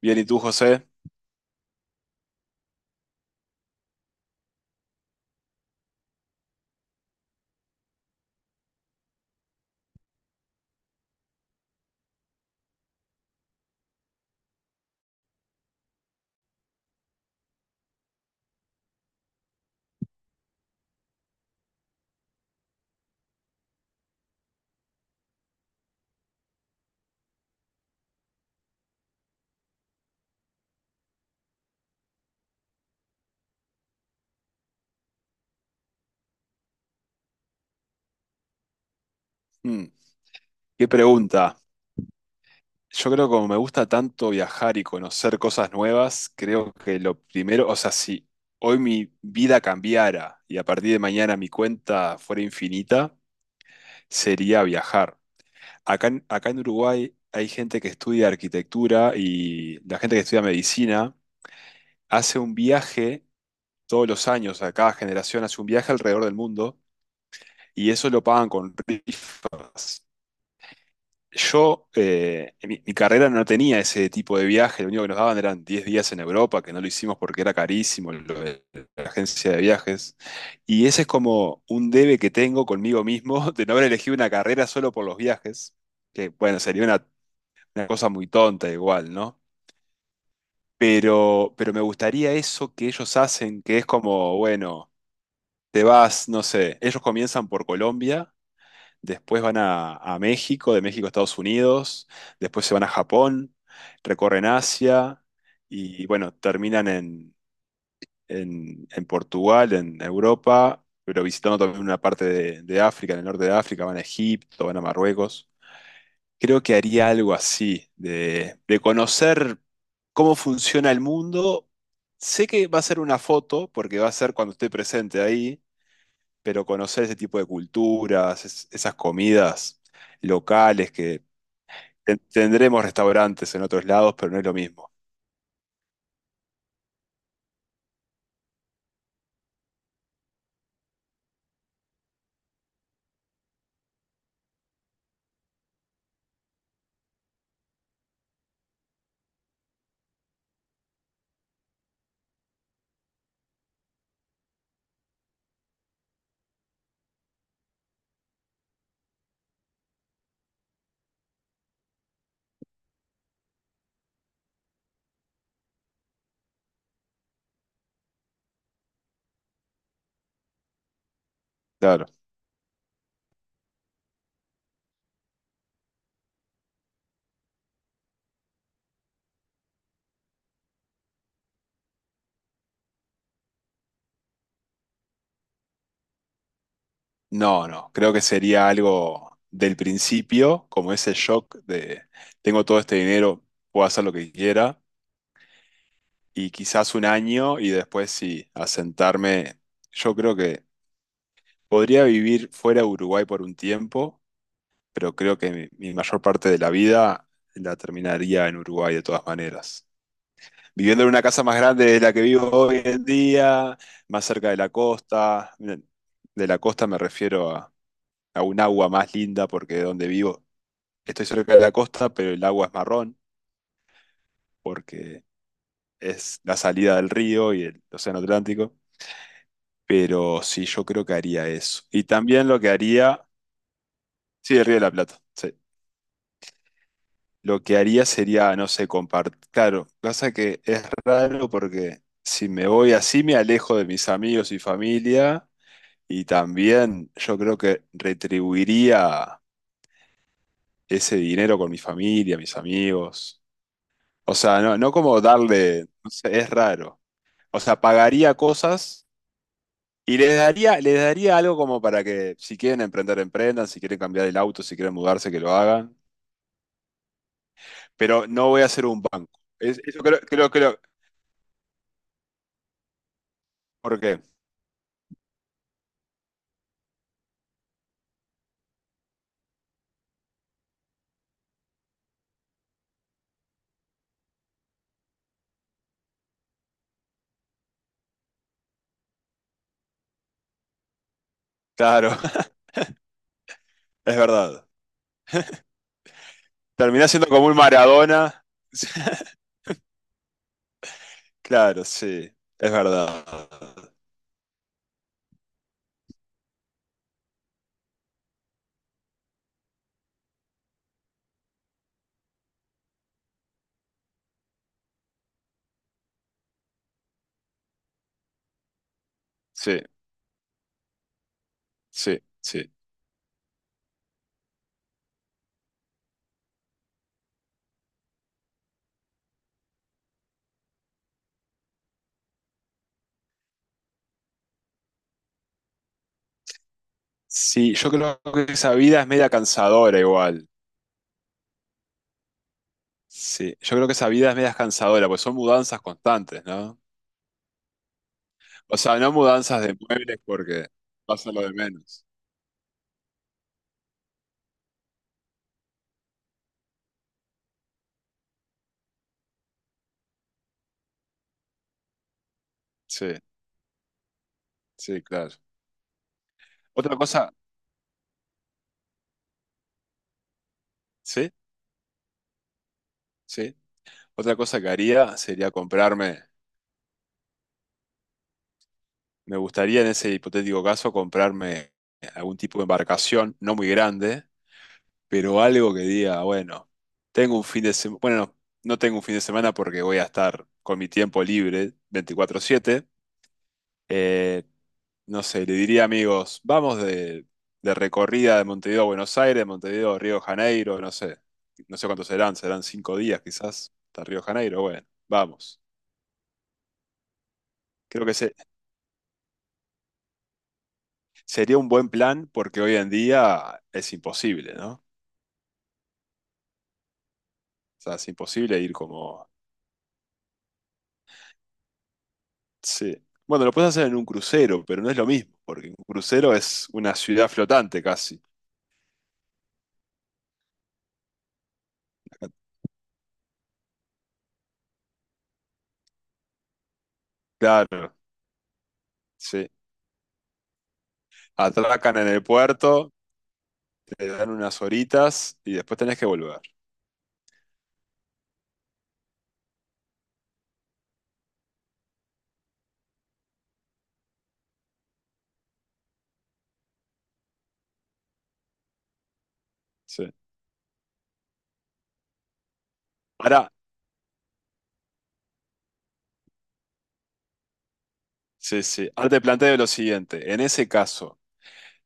Bien, ¿y tú, José? Mm, qué pregunta. Yo creo que como me gusta tanto viajar y conocer cosas nuevas, creo que lo primero, o sea, si hoy mi vida cambiara y a partir de mañana mi cuenta fuera infinita, sería viajar. Acá en Uruguay hay gente que estudia arquitectura y la gente que estudia medicina hace un viaje todos los años, a cada generación hace un viaje alrededor del mundo y eso lo pagan con rifas. Yo, mi carrera no tenía ese tipo de viaje, lo único que nos daban eran 10 días en Europa, que no lo hicimos porque era carísimo lo de la agencia de viajes. Y ese es como un debe que tengo conmigo mismo de no haber elegido una carrera solo por los viajes, que bueno, sería una cosa muy tonta igual, ¿no? Pero me gustaría eso que ellos hacen, que es como, bueno, te vas, no sé, ellos comienzan por Colombia. Después van a México, de México a Estados Unidos, después se van a Japón, recorren Asia y bueno, terminan en, en Portugal, en Europa, pero visitando también una parte de África, en el norte de África, van a Egipto, van a Marruecos. Creo que haría algo así, de conocer cómo funciona el mundo. Sé que va a ser una foto, porque va a ser cuando esté presente ahí, pero conocer ese tipo de culturas, esas comidas locales que tendremos restaurantes en otros lados, pero no es lo mismo. Claro. No, no, creo que sería algo del principio, como ese shock de tengo todo este dinero, puedo hacer lo que quiera, y quizás un año y después sí, asentarme. Yo creo que podría vivir fuera de Uruguay por un tiempo, pero creo que mi mayor parte de la vida la terminaría en Uruguay de todas maneras, viviendo en una casa más grande de la que vivo hoy en día, más cerca de la costa. De la costa me refiero a un agua más linda porque de donde vivo estoy cerca de la costa, pero el agua es marrón porque es la salida del río y el océano Atlántico. Pero sí, yo creo que haría eso. Y también lo que haría, sí, el Río de la Plata, sí. Lo que haría sería, no sé, compartir. Claro, pasa que es raro porque si me voy así me alejo de mis amigos y familia. Y también yo creo que retribuiría ese dinero con mi familia, mis amigos. O sea, no, no como darle, no sé, es raro. O sea, pagaría cosas y les daría algo como para que si quieren emprender, emprendan, si quieren cambiar el auto, si quieren mudarse, que lo hagan. Pero no voy a hacer un banco. Eso creo, creo, creo. ¿Por qué? Claro, es verdad. Terminá siendo como un Maradona. Claro, sí, es verdad. Sí, sí, sí. Sí, yo creo que esa vida es media cansadora igual. Sí, yo creo que esa vida es media cansadora, pues son mudanzas constantes, ¿no? O sea, no mudanzas de muebles porque pasa lo de menos. Sí, sí, claro. Otra cosa, sí, sí. Otra cosa que haría sería comprarme, me gustaría en ese hipotético caso comprarme algún tipo de embarcación, no muy grande, pero algo que diga, bueno, tengo un fin de semana, bueno, no tengo un fin de semana porque voy a estar con mi tiempo libre 24/7. Eh, no sé, le diría amigos, vamos de, recorrida de Montevideo a Buenos Aires, de Montevideo a Río de Janeiro, no sé, no sé cuántos serán, serán 5 días quizás hasta Río de Janeiro, bueno, vamos. Creo que sería un buen plan porque hoy en día es imposible, ¿no? O sea, es imposible ir como... Sí. Bueno, lo puedes hacer en un crucero, pero no es lo mismo, porque un crucero es una ciudad flotante casi. Claro, sí. Atracan en el puerto, te dan unas horitas y después tenés que volver. Sí. Ahora, sí, sí. Ahora te planteo lo siguiente. En ese caso,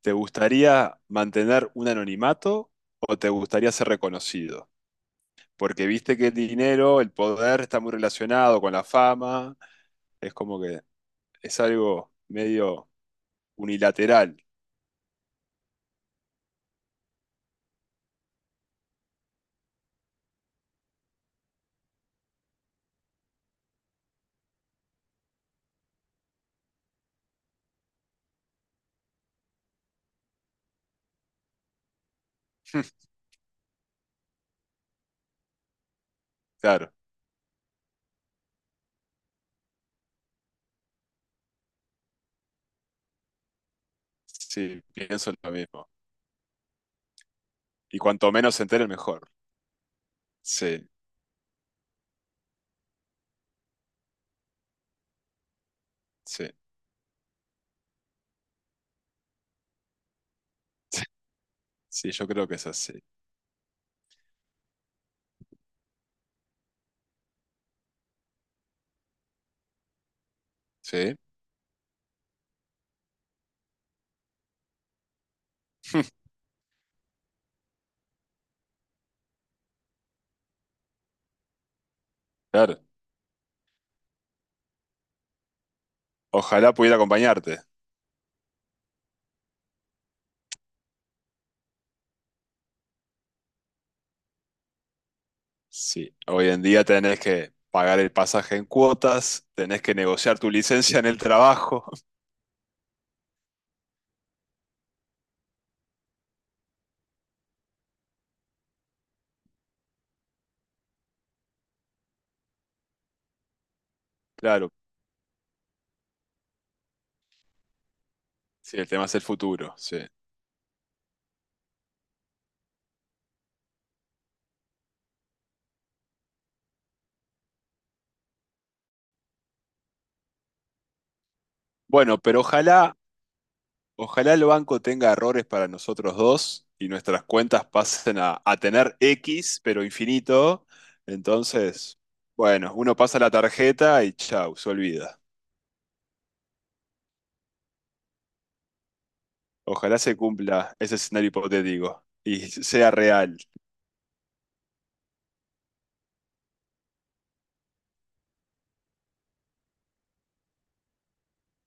¿te gustaría mantener un anonimato o te gustaría ser reconocido? Porque viste que el dinero, el poder está muy relacionado con la fama. Es como que es algo medio unilateral. Claro, sí, pienso lo mismo. Y cuanto menos se enteren, mejor. Sí, sí, sí, yo creo que es así. Sí. Claro, ojalá pudiera acompañarte. Sí, hoy en día tenés que pagar el pasaje en cuotas, tenés que negociar tu licencia en el trabajo. Claro, sí, el tema es el futuro, sí. Bueno, pero ojalá, ojalá el banco tenga errores para nosotros dos y nuestras cuentas pasen a tener X, pero infinito. Entonces, bueno, uno pasa la tarjeta y chau, se olvida. Ojalá se cumpla ese escenario hipotético y sea real,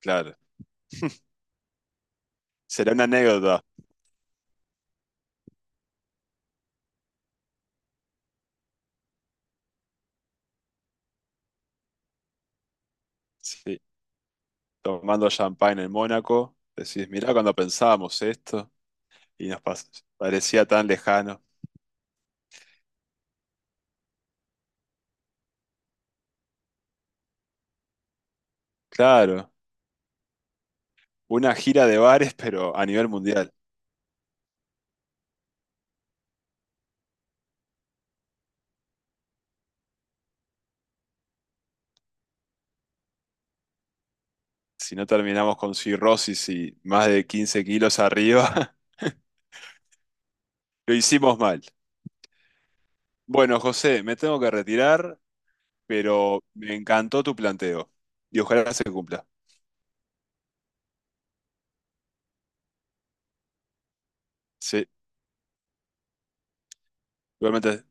claro. Será una anécdota. Sí, tomando champagne en Mónaco, decís, mirá cuando pensábamos esto y nos parecía tan lejano. Claro, una gira de bares, pero a nivel mundial. Si no terminamos con cirrosis y más de 15 kilos arriba, lo hicimos mal. Bueno, José, me tengo que retirar, pero me encantó tu planteo y ojalá se cumpla. Sí, igualmente.